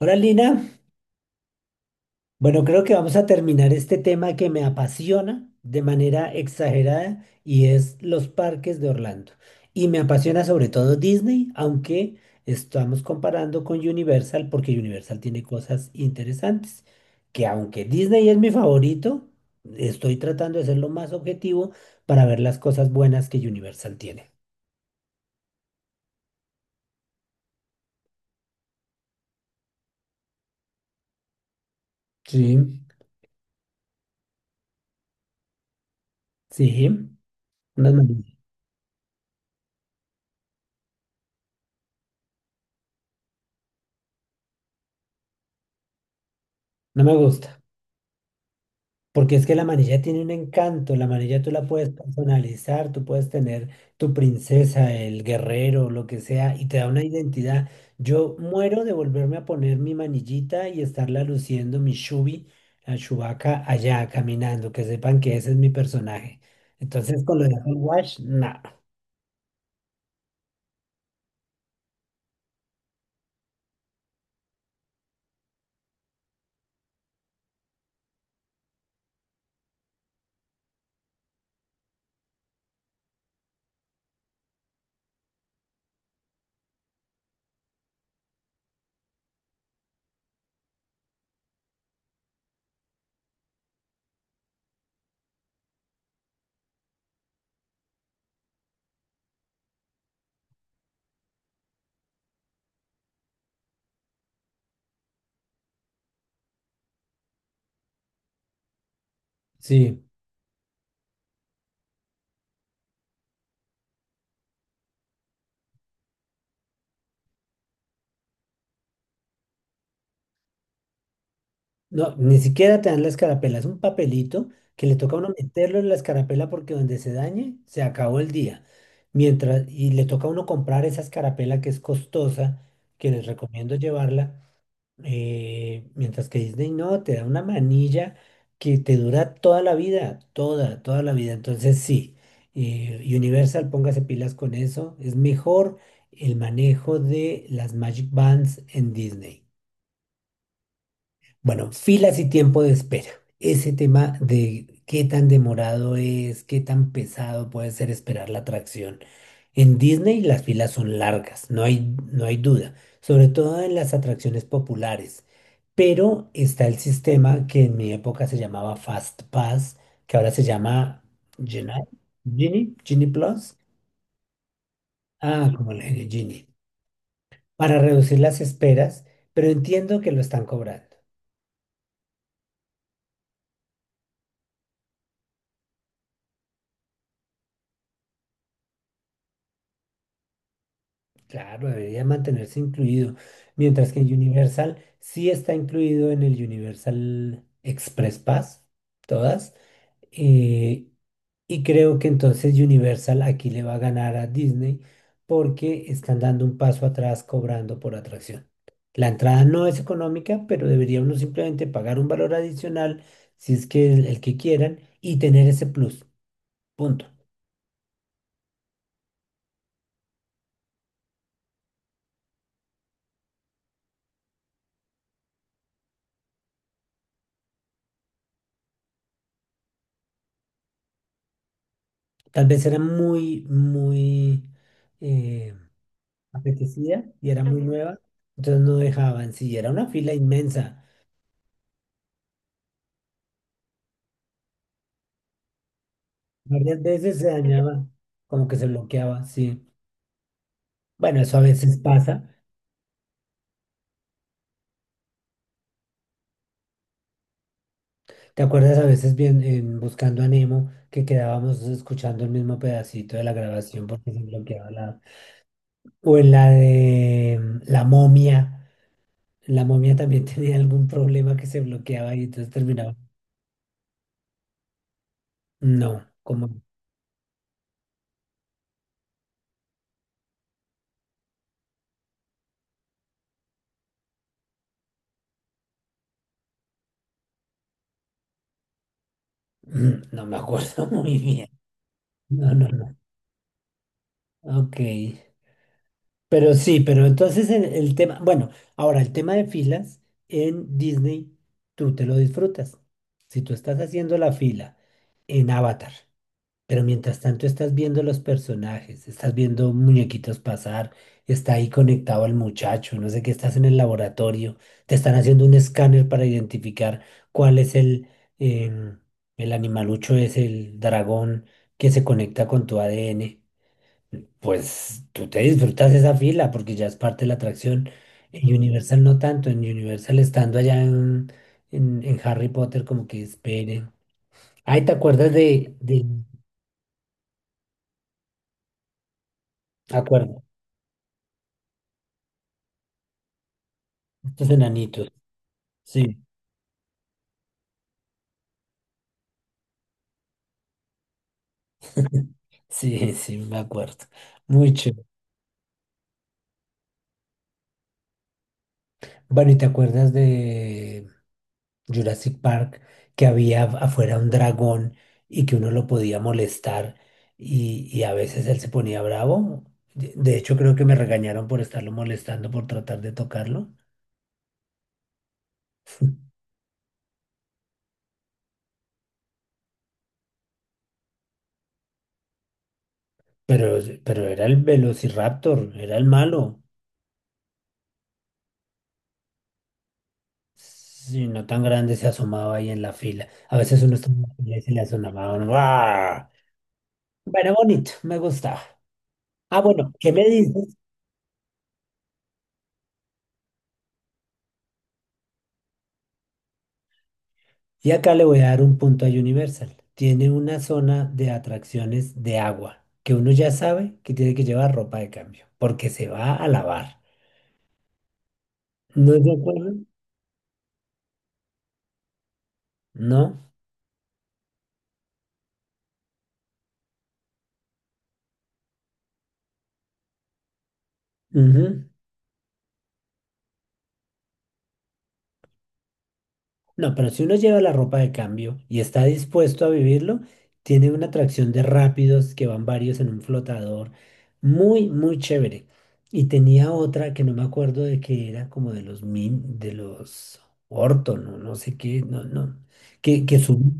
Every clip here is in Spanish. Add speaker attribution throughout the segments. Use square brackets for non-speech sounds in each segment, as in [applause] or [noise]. Speaker 1: Hola Lina, bueno creo que vamos a terminar este tema que me apasiona de manera exagerada y es los parques de Orlando. Y me apasiona sobre todo Disney, aunque estamos comparando con Universal porque Universal tiene cosas interesantes, que aunque Disney es mi favorito, estoy tratando de ser lo más objetivo para ver las cosas buenas que Universal tiene. Sí, sí, no, no me gusta. Porque es que la manilla tiene un encanto, la manilla tú la puedes personalizar, tú puedes tener tu princesa, el guerrero, lo que sea, y te da una identidad. Yo muero de volverme a poner mi manillita y estarla luciendo, mi Shubi, la Chewbacca, allá caminando, que sepan que ese es mi personaje. Entonces, con lo de Apple Watch, nada. Sí. No, ni siquiera te dan la escarapela, es un papelito que le toca a uno meterlo en la escarapela porque donde se dañe, se acabó el día. Mientras, y le toca a uno comprar esa escarapela que es costosa, que les recomiendo llevarla, mientras que Disney no, te da una manilla que te dura toda la vida, toda, toda la vida. Entonces sí, Universal, póngase pilas con eso, es mejor el manejo de las Magic Bands en Disney. Bueno, filas y tiempo de espera. Ese tema de qué tan demorado es, qué tan pesado puede ser esperar la atracción. En Disney las filas son largas, no hay duda, sobre todo en las atracciones populares. Pero está el sistema que en mi época se llamaba Fast Pass, que ahora se llama Genie, Genie Plus. Ah, como le dije, Genie. Para reducir las esperas, pero entiendo que lo están cobrando. Claro, debería mantenerse incluido, mientras que Universal sí está incluido en el Universal Express Pass, todas, eh, y creo que entonces Universal aquí le va a ganar a Disney porque están dando un paso atrás cobrando por atracción. La entrada no es económica, pero debería uno simplemente pagar un valor adicional si es que el que quieran y tener ese plus, punto. Tal vez era muy, muy... eh, apetecía y era muy Ujú. Nueva, entonces no dejaban, sí, era una fila inmensa. Varias veces se dañaba, como que se bloqueaba, sí. Bueno, eso a veces pasa. ¿Te acuerdas a veces bien en Buscando a Nemo que quedábamos escuchando el mismo pedacito de la grabación porque se bloqueaba la... O en la de la momia también [laughs] tenía algún problema que se bloqueaba y entonces terminaba. No, como... [clears throat] No me acuerdo [laughs] muy bien. No, no, no. Ok. Pero sí, pero entonces el tema, bueno, ahora el tema de filas en Disney, tú te lo disfrutas. Si tú estás haciendo la fila en Avatar, pero mientras tanto estás viendo los personajes, estás viendo muñequitos pasar, está ahí conectado al muchacho, no sé qué, estás en el laboratorio, te están haciendo un escáner para identificar cuál es em, el animalucho, es el dragón que se conecta con tu ADN. Pues tú te disfrutas esa fila porque ya es parte de la atracción. En Universal no tanto, en Universal estando allá en Harry Potter como que esperen. Ay, ¿te acuerdas de... Acuerdo, estos enanitos. Sí, sí, [laughs] sí, me acuerdo. Muy chévere. Bueno, ¿y te acuerdas de... Jurassic Park, que había afuera un dragón y que uno lo podía molestar y a veces él se ponía bravo. De hecho, creo que me regañaron por estarlo molestando, por tratar de tocarlo, pero era el Velociraptor, era el malo. Si no tan grande se asomaba ahí en la fila. A veces uno estaba en la fila y se le asomaba. ¡Guau! Bueno, bonito, me gustaba. Ah, bueno, ¿qué me dices? Y acá le voy a dar un punto a Universal. Tiene una zona de atracciones de agua que uno ya sabe que tiene que llevar ropa de cambio porque se va a lavar. ¿No es de acuerdo? No. Ujú. No, pero si uno lleva la ropa de cambio y está dispuesto a vivirlo, tiene una atracción de rápidos que van varios en un flotador. Muy, muy chévere. Y tenía otra que no me acuerdo de que era como de los min, de los Orton, o no sé qué, no, no. Que subía.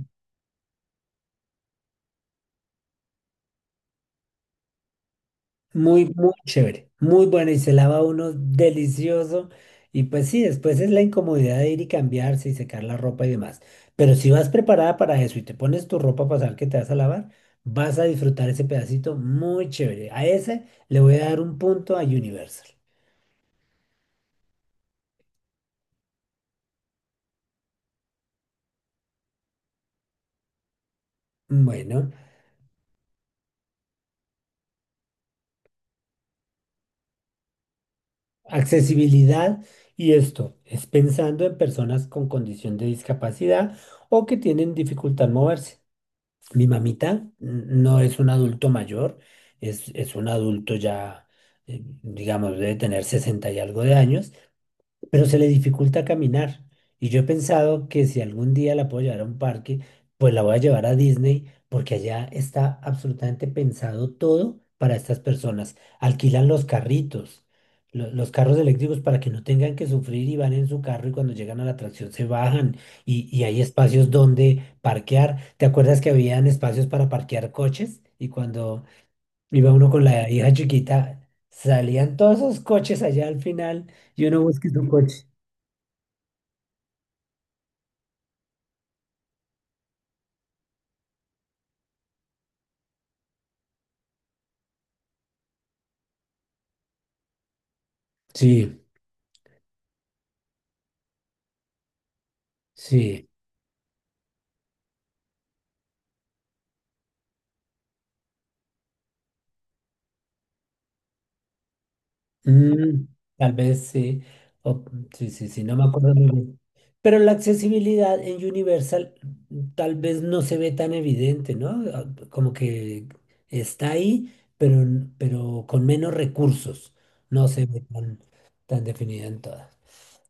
Speaker 1: Muy, muy chévere, muy bueno y se lava uno delicioso. Y pues sí, después es la incomodidad de ir y cambiarse y secar la ropa y demás. Pero si vas preparada para eso y te pones tu ropa para saber que te vas a lavar, vas a disfrutar ese pedacito muy chévere. A ese le voy a dar un punto a Universal. Bueno, accesibilidad y esto es pensando en personas con condición de discapacidad o que tienen dificultad en moverse. Mi mamita no es un adulto mayor, es un adulto ya, digamos, debe tener 60 y algo de años, pero se le dificulta caminar. Y yo he pensado que si algún día la puedo llevar a un parque, pues la voy a llevar a Disney, porque allá está absolutamente pensado todo para estas personas. Alquilan los carritos, los carros eléctricos para que no tengan que sufrir y van en su carro y cuando llegan a la atracción se bajan y hay espacios donde parquear. ¿Te acuerdas que habían espacios para parquear coches? Y cuando iba uno con la hija chiquita, salían todos esos coches allá al final y uno busca su coche. Sí, sí. Mm, tal vez sí. O- sí, sí, sí, no me acuerdo muy bien. Pero la accesibilidad en Universal tal vez no se ve tan evidente, ¿no? Ah, como que está ahí, pero, pero con menos recursos. No se ve tan, tan definida en todas.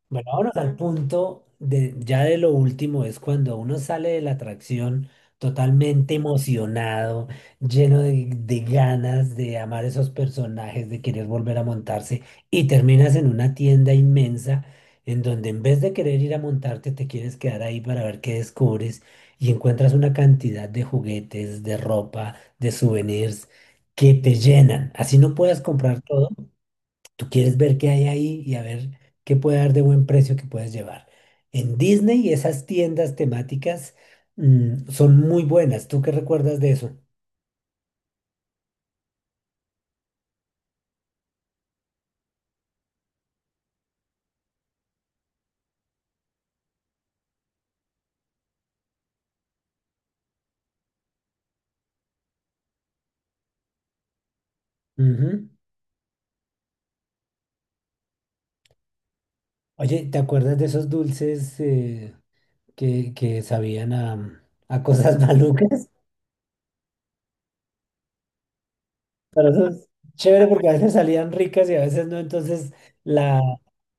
Speaker 1: Bueno, vámonos al punto de, ya de lo último, es cuando uno sale de la atracción totalmente emocionado, lleno de ganas de amar esos personajes, de querer volver a montarse, y terminas en una tienda inmensa en donde en vez de querer ir a montarte, te quieres quedar ahí para ver qué descubres y encuentras una cantidad de juguetes, de ropa, de souvenirs que te llenan. Así no puedes comprar todo. Tú quieres ver qué hay ahí y a ver qué puede dar de buen precio que puedes llevar. En Disney, esas tiendas temáticas son muy buenas. ¿Tú qué recuerdas de eso? Ujú. Oye, ¿te acuerdas de esos dulces que sabían a cosas [laughs] malucas? Pero eso es chévere porque a veces salían ricas y a veces no, entonces la,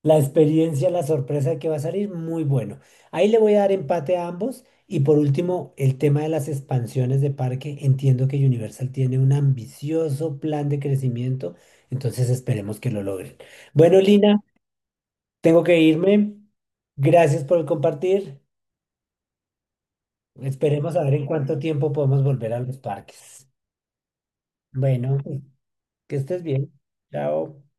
Speaker 1: la experiencia, la sorpresa que va a salir, muy bueno. Ahí le voy a dar empate a ambos. Y por último, el tema de las expansiones de parque. Entiendo que Universal tiene un ambicioso plan de crecimiento, entonces esperemos que lo logren. Bueno, Lina, tengo que irme. Gracias por el compartir. Esperemos a ver en cuánto tiempo podemos volver a los parques. Bueno, que estés bien. Chao.